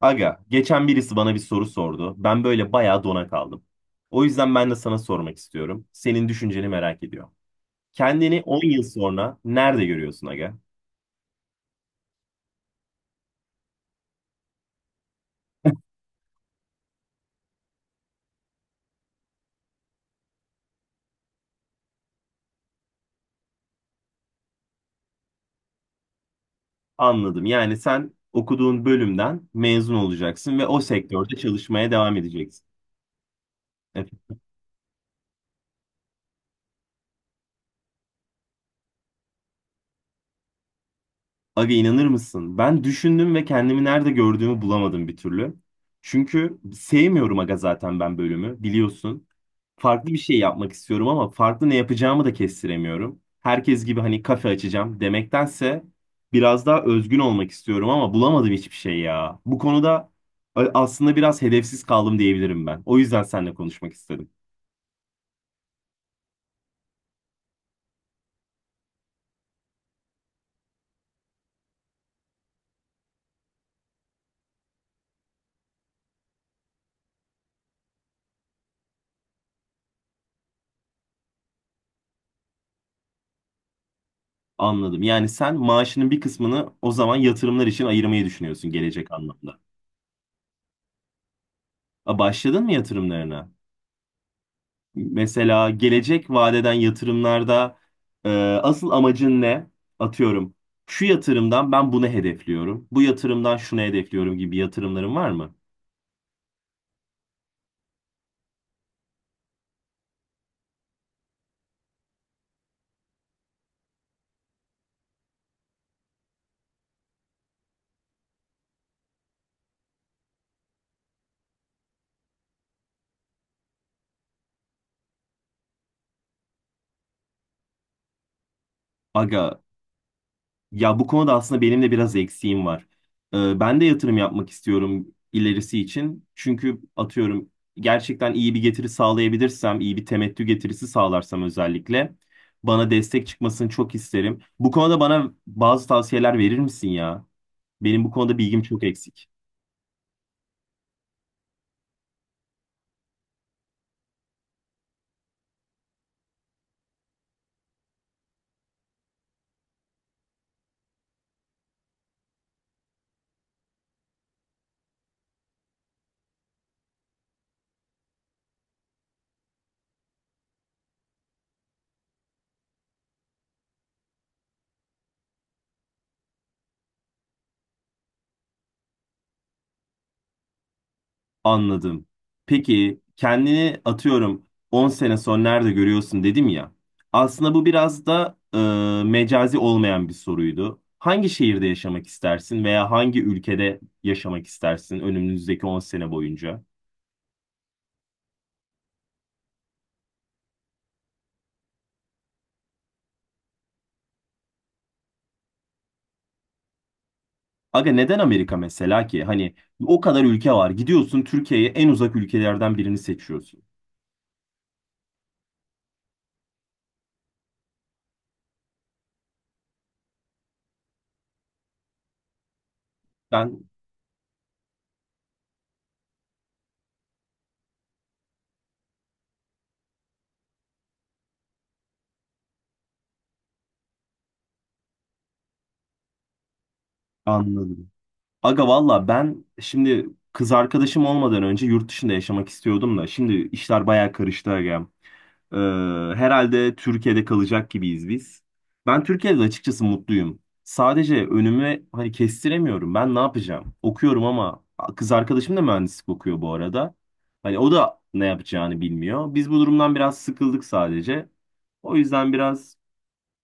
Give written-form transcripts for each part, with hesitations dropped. Aga, geçen birisi bana bir soru sordu. Ben böyle bayağı dona kaldım. O yüzden ben de sana sormak istiyorum. Senin düşünceni merak ediyorum. Kendini 10 yıl sonra nerede görüyorsun aga? Anladım. Yani sen okuduğun bölümden mezun olacaksın ve o sektörde çalışmaya devam edeceksin. Evet. Aga inanır mısın? Ben düşündüm ve kendimi nerede gördüğümü bulamadım bir türlü. Çünkü sevmiyorum aga zaten ben bölümü biliyorsun. Farklı bir şey yapmak istiyorum ama farklı ne yapacağımı da kestiremiyorum. Herkes gibi hani kafe açacağım demektense biraz daha özgün olmak istiyorum ama bulamadım hiçbir şey ya. Bu konuda aslında biraz hedefsiz kaldım diyebilirim ben. O yüzden seninle konuşmak istedim. Anladım. Yani sen maaşının bir kısmını o zaman yatırımlar için ayırmayı düşünüyorsun gelecek anlamda. A, başladın mı yatırımlarına? Mesela gelecek vadeden yatırımlarda e, asıl amacın ne? Atıyorum. Şu yatırımdan ben bunu hedefliyorum. Bu yatırımdan şunu hedefliyorum gibi yatırımların var mı? Aga, ya bu konuda aslında benim de biraz eksiğim var. Ben de yatırım yapmak istiyorum ilerisi için. Çünkü atıyorum, gerçekten iyi bir getiri sağlayabilirsem, iyi bir temettü getirisi sağlarsam özellikle bana destek çıkmasını çok isterim. Bu konuda bana bazı tavsiyeler verir misin ya? Benim bu konuda bilgim çok eksik. Anladım. Peki kendini atıyorum 10 sene sonra nerede görüyorsun dedim ya. Aslında bu biraz da mecazi olmayan bir soruydu. Hangi şehirde yaşamak istersin veya hangi ülkede yaşamak istersin önümüzdeki 10 sene boyunca? Aga, neden Amerika mesela ki? Hani o kadar ülke var. Gidiyorsun, Türkiye'ye en uzak ülkelerden birini seçiyorsun. Ben anladım. Aga, valla ben şimdi kız arkadaşım olmadan önce yurt dışında yaşamak istiyordum da şimdi işler bayağı karıştı aga. Ee, Herhalde Türkiye'de kalacak gibiyiz biz. Ben Türkiye'de açıkçası mutluyum. Sadece önümü hani kestiremiyorum. Ben ne yapacağım? Okuyorum ama kız arkadaşım da mühendislik okuyor bu arada. Hani o da ne yapacağını bilmiyor. Biz bu durumdan biraz sıkıldık sadece. O yüzden biraz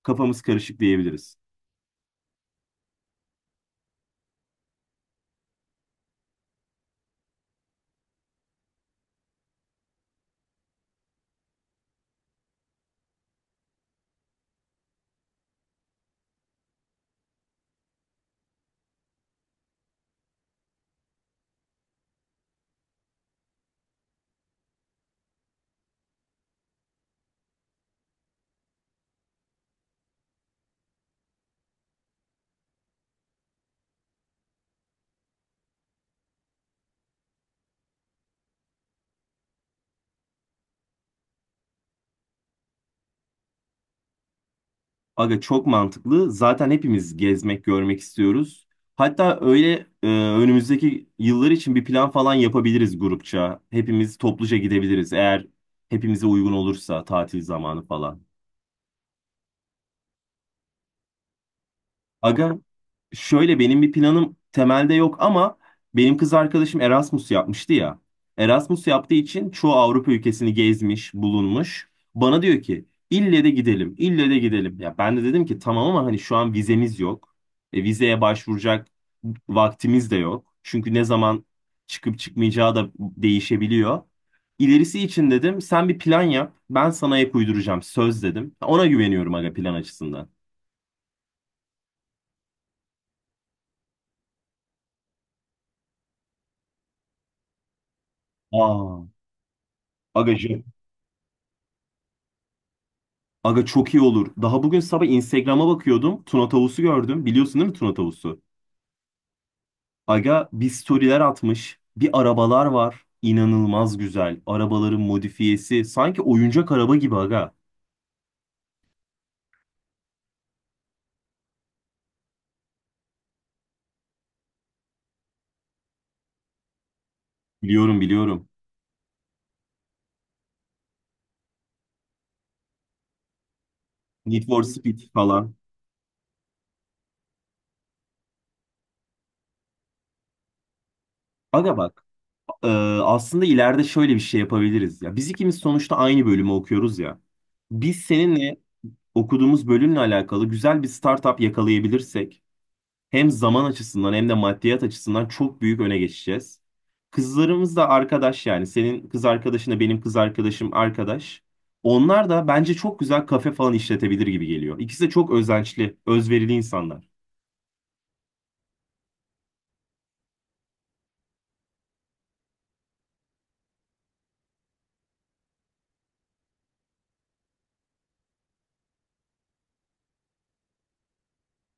kafamız karışık diyebiliriz. Aga çok mantıklı. Zaten hepimiz gezmek, görmek istiyoruz. Hatta öyle önümüzdeki yıllar için bir plan falan yapabiliriz grupça. Hepimiz topluca gidebiliriz eğer hepimize uygun olursa tatil zamanı falan. Aga, şöyle benim bir planım temelde yok ama benim kız arkadaşım Erasmus yapmıştı ya. Erasmus yaptığı için çoğu Avrupa ülkesini gezmiş, bulunmuş. Bana diyor ki ille de gidelim, ille de gidelim. Ya ben de dedim ki tamam ama hani şu an vizemiz yok. E, vizeye başvuracak vaktimiz de yok. Çünkü ne zaman çıkıp çıkmayacağı da değişebiliyor. İlerisi için dedim sen bir plan yap, ben sana ek uyduracağım söz dedim. Ona güveniyorum aga plan açısından. Aa, aga. Aga çok iyi olur. Daha bugün sabah Instagram'a bakıyordum. Tuna tavusu gördüm. Biliyorsun değil mi Tuna tavusu? Aga bir storyler atmış. Bir arabalar var. İnanılmaz güzel. Arabaların modifiyesi. Sanki oyuncak araba gibi aga. Biliyorum, biliyorum. Need for Speed falan. Aga bak. e, Aslında ileride şöyle bir şey yapabiliriz ya. Biz ikimiz sonuçta aynı bölümü okuyoruz ya. Biz seninle okuduğumuz bölümle alakalı güzel bir startup yakalayabilirsek hem zaman açısından hem de maddiyat açısından çok büyük öne geçeceğiz. Kızlarımız da arkadaş yani. Senin kız arkadaşınla benim kız arkadaşım arkadaş. Onlar da bence çok güzel kafe falan işletebilir gibi geliyor. İkisi de çok özençli, özverili insanlar.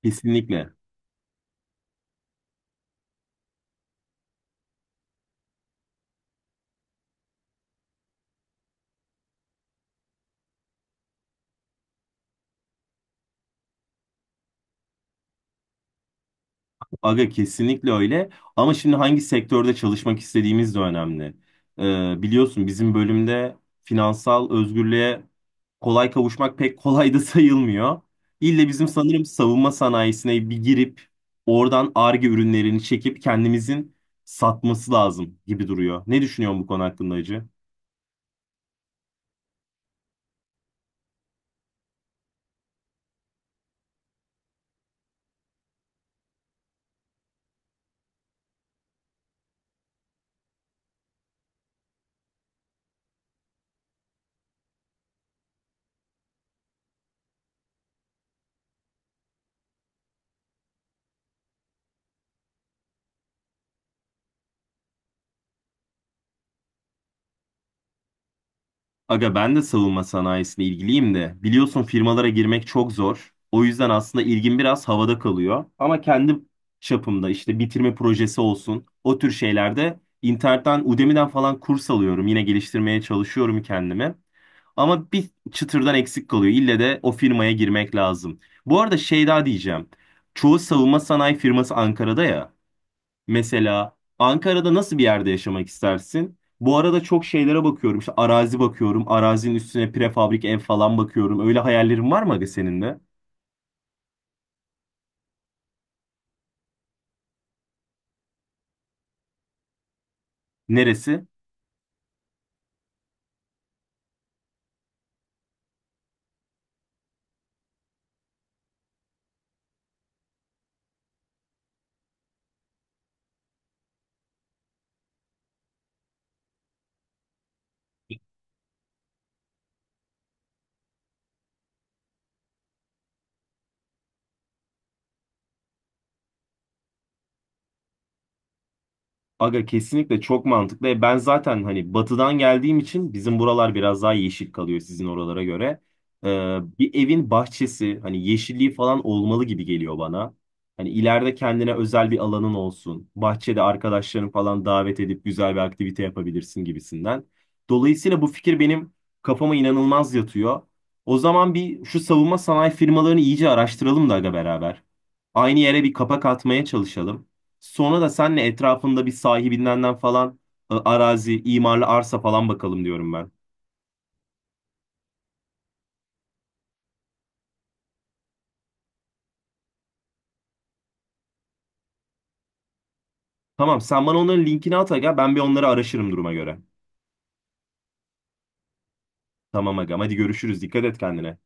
Kesinlikle. Aga kesinlikle öyle. Ama şimdi hangi sektörde çalışmak istediğimiz de önemli. Biliyorsun bizim bölümde finansal özgürlüğe kolay kavuşmak pek kolay da sayılmıyor. İlle bizim sanırım savunma sanayisine bir girip oradan Ar-Ge ürünlerini çekip kendimizin satması lazım gibi duruyor. Ne düşünüyorsun bu konu hakkında Hacı? Aga ben de savunma sanayisine ilgiliyim de biliyorsun firmalara girmek çok zor. O yüzden aslında ilgim biraz havada kalıyor. Ama kendi çapımda işte bitirme projesi olsun o tür şeylerde internetten Udemy'den falan kurs alıyorum. Yine geliştirmeye çalışıyorum kendimi. Ama bir çıtırdan eksik kalıyor. İlle de o firmaya girmek lazım. Bu arada şey daha diyeceğim. Çoğu savunma sanayi firması Ankara'da ya. Mesela Ankara'da nasıl bir yerde yaşamak istersin? Bu arada çok şeylere bakıyorum. İşte arazi bakıyorum. Arazinin üstüne prefabrik ev falan bakıyorum. Öyle hayallerin var mı aga senin de? Neresi? Aga kesinlikle çok mantıklı. E, ben zaten hani batıdan geldiğim için bizim buralar biraz daha yeşil kalıyor sizin oralara göre. Ee, Bir evin bahçesi hani yeşilliği falan olmalı gibi geliyor bana. Hani ileride kendine özel bir alanın olsun. Bahçede arkadaşlarını falan davet edip güzel bir aktivite yapabilirsin gibisinden. Dolayısıyla bu fikir benim kafama inanılmaz yatıyor. O zaman bir şu savunma sanayi firmalarını iyice araştıralım da aga beraber. Aynı yere bir kapak atmaya çalışalım. Sonra da senle etrafında bir sahibinden falan arazi, imarlı arsa falan bakalım diyorum ben. Tamam sen bana onların linkini at aga ben bir onları araşırım duruma göre. Tamam agam hadi görüşürüz, dikkat et kendine.